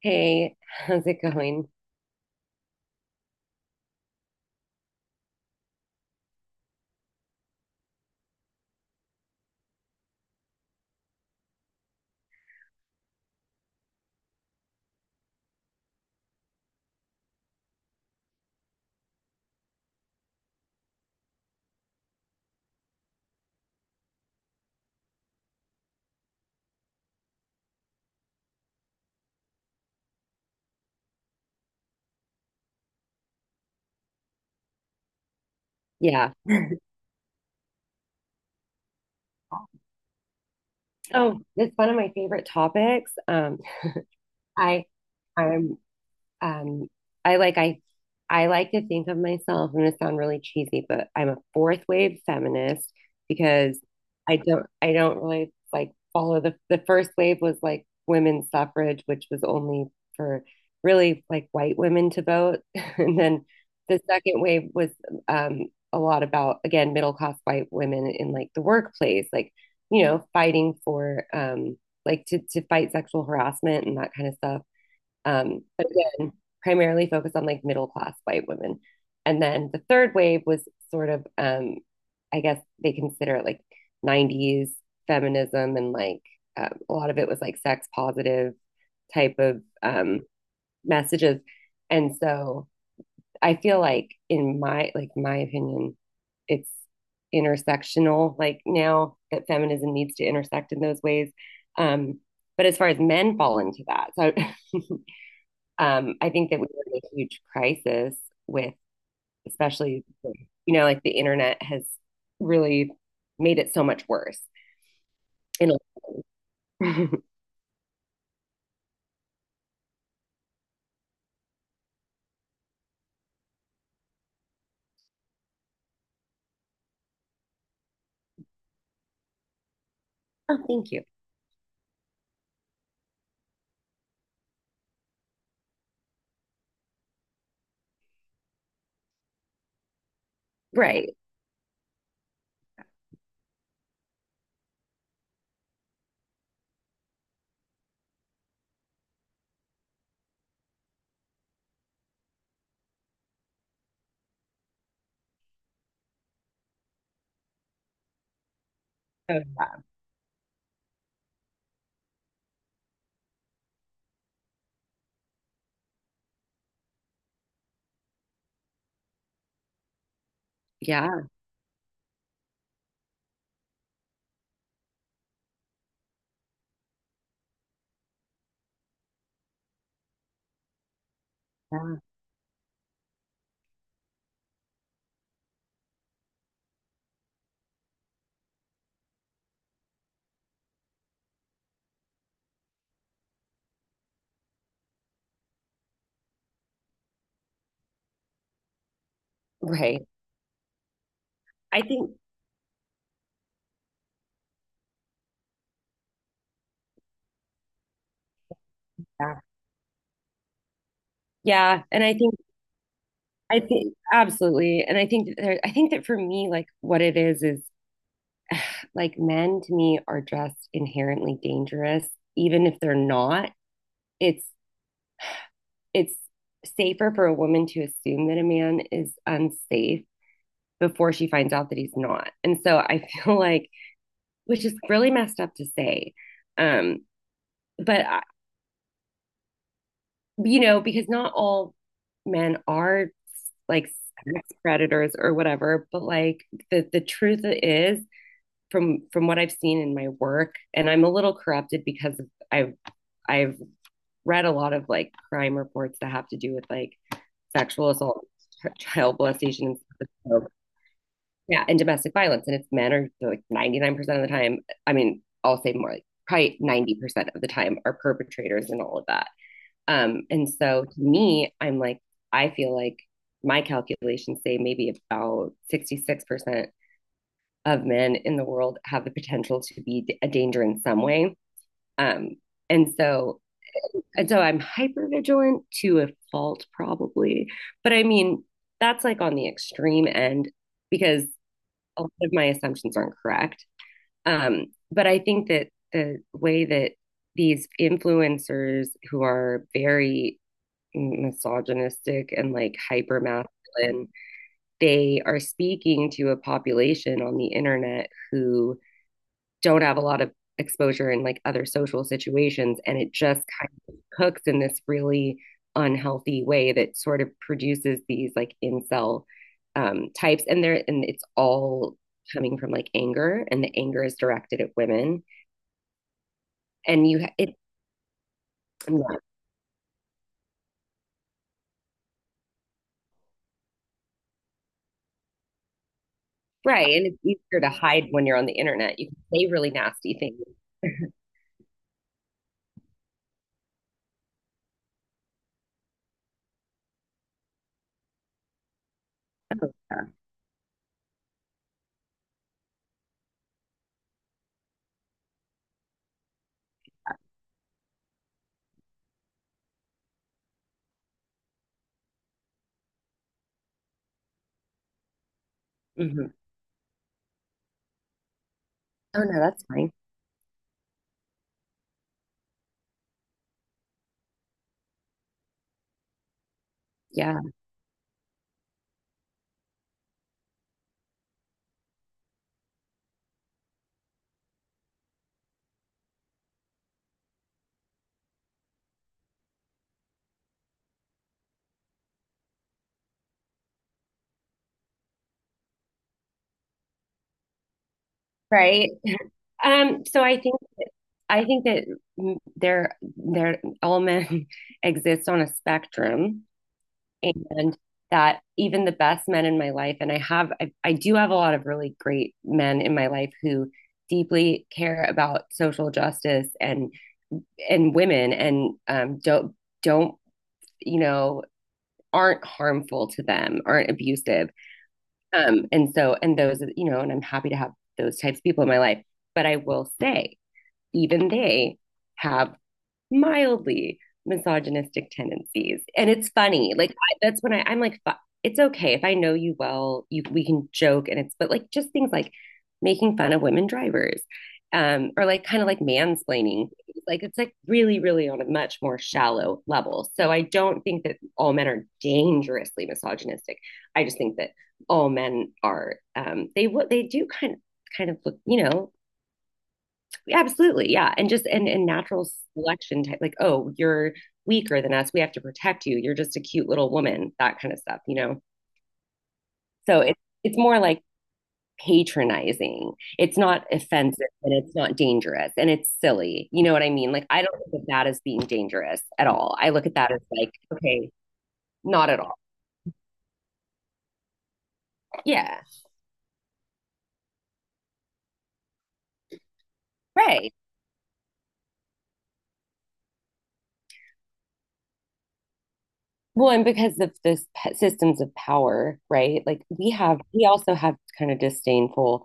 Hey, how's it going? Yeah. Oh, it's one of my favorite topics. I I'm, um I like I I like to think of myself, I'm gonna sound really cheesy, but I'm a fourth wave feminist because I don't really like follow the first wave was like women's suffrage, which was only for really like white women to vote. And then the second wave was um a lot about again middle class white women in like the workplace, like, you know, fighting for like to fight sexual harassment and that kind of stuff. But again, primarily focused on like middle class white women. And then the third wave was sort of, I guess they consider it like 90s feminism and like a lot of it was like sex positive type of messages. And so I feel like in my opinion, it's intersectional like now that feminism needs to intersect in those ways. Um, but as far as men fall into that, so I think that we were in a huge crisis with, especially, you know, like the internet has really made it so much worse. In a- oh, thank you. Right. Oh, yeah. Yeah. Yeah. Right. I think. Yeah. Yeah. And I think. I think absolutely, and I think that I think that for me, like what it is like men to me are just inherently dangerous, even if they're not. It's it's safer for a woman to assume that a man is unsafe before she finds out that he's not. And so I feel like, which is really messed up to say. Um, but, I- you know, because not all men are like sex predators or whatever, but like the truth is from what I've seen in my work, and I'm a little corrupted because I've, I've read a lot of like crime reports that have to do with like sexual assault, child molestation, yeah, and domestic violence. And it's men are like 99% of the time. I mean, I'll say more like probably 90% of the time are perpetrators and all of that. And so to me, I'm like, I feel like my calculations say maybe about 66% of men in the world have the potential to be a danger in some way. Um, and so and so I'm hyper vigilant to a fault, probably. But I mean, that's like on the extreme end because a lot of my assumptions aren't correct. Um, but I think that the way that these influencers who are very misogynistic and like hyper masculine, they are speaking to a population on the internet who don't have a lot of exposure in like other social situations, and it just kind of cooks in this really unhealthy way that sort of produces these like incel types, and they're and it's all coming from like anger, and the anger is directed at women and you it yeah, right, and it's easier to hide when you're on the internet, you can say really nasty things. Yeah. Mhm. Oh, no, that's fine. Yeah, right. Um so i think I think that mm, there all men exist on a spectrum, and that even the best men in my life, and I do have a lot of really great men in my life who deeply care about social justice and women, and don't you know, aren't harmful to them, aren't abusive. And those, you know, and I'm happy to have those types of people in my life, but I will say even they have mildly misogynistic tendencies. And it's funny. That's when I'm like, it's okay if I know you well, you we can joke and it's but like just things like making fun of women drivers. Or like kind of like mansplaining. Like it's like really, really on a much more shallow level. So I don't think that all men are dangerously misogynistic. I just think that all men are they what they do kind of look, you know, yeah, absolutely, yeah, and just and natural selection type, like, oh, you're weaker than us, we have to protect you. You're just a cute little woman, that kind of stuff, you know. So it's more like patronizing. It's not offensive and it's not dangerous and it's silly. You know what I mean? Like, I don't look at that as being dangerous at all. I look at that as like, okay, not at all. Yeah, right. Well, and because of systems of power, right? Like we have, we also have kind of disdainful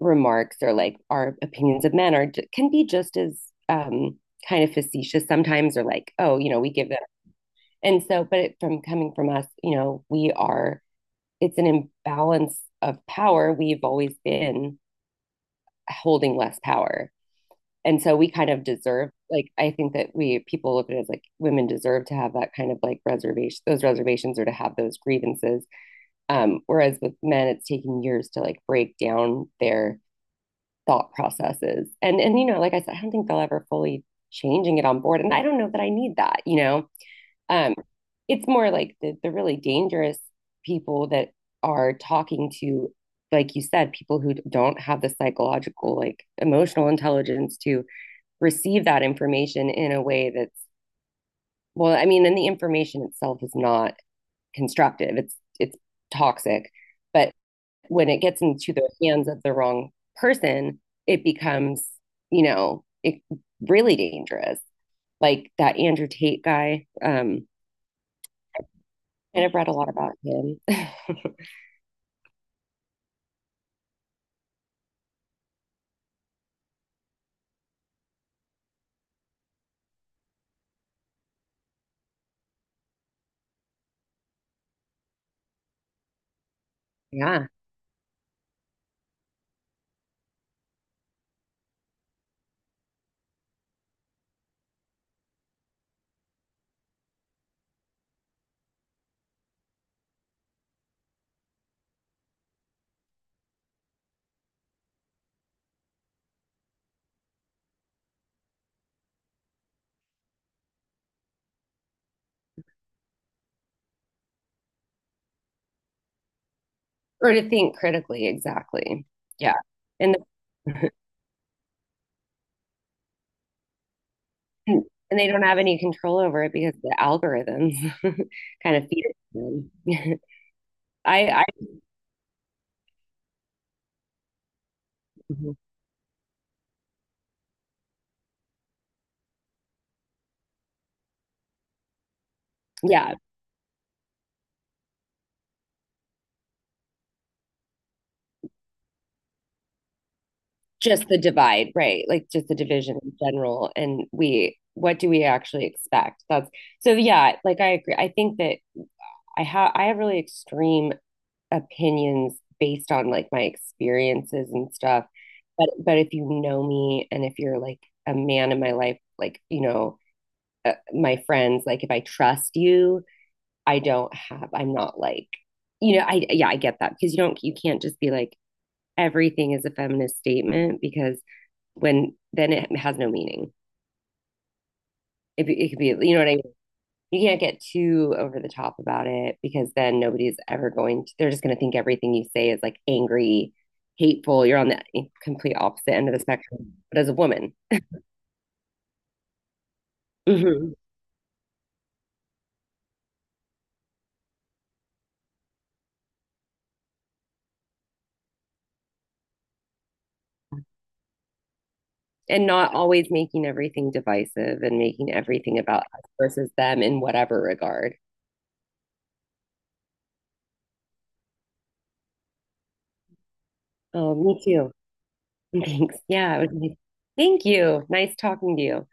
remarks, or like our opinions of men are can be just as um, kind of facetious sometimes, or like oh, you know, we give them, and so but from coming from us, you know, we are, it's an imbalance of power, we've always been holding less power, and so we kind of deserve, like I think that we people look at it as like women deserve to have that kind of like reservation those reservations, or to have those grievances. Whereas with men it's taken years to like break down their thought processes. And you know, like I said, I don't think they'll ever fully change and get on board. And I don't know that I need that, you know. Um, it's more like the really dangerous people that are talking to, like you said, people who don't have the psychological, like emotional intelligence to receive that information in a way that's I mean, and the information itself is not constructive. It's toxic. But when it gets into the hands of the wrong person, it becomes, you know, it really dangerous. Like that Andrew Tate guy, and I've read a lot about him. Yeah. Or to think critically, exactly. Yeah. And the, and they don't have any control over it because the algorithms kind of feed it to them. I, I, yeah, just the divide, right? Like just the division in general. And we, what do we actually expect? That's so, yeah, like I agree. I think that I have really extreme opinions based on like my experiences and stuff. But if you know me and if you're like a man in my life, like, you know, my friends, like if I trust you, I don't have, I'm not like, you know, yeah, I get that because you don't, you can't just be like, everything is a feminist statement, because when then it has no meaning. It could be, you know what I mean? You can't get too over the top about it, because then nobody's ever going to, they're just going to think everything you say is like angry, hateful. You're on the complete opposite end of the spectrum, but as a woman. Hmm. And not always making everything divisive and making everything about us versus them in whatever regard. Oh, me too. Thanks. Yeah. It was nice. Thank you. Nice talking to you.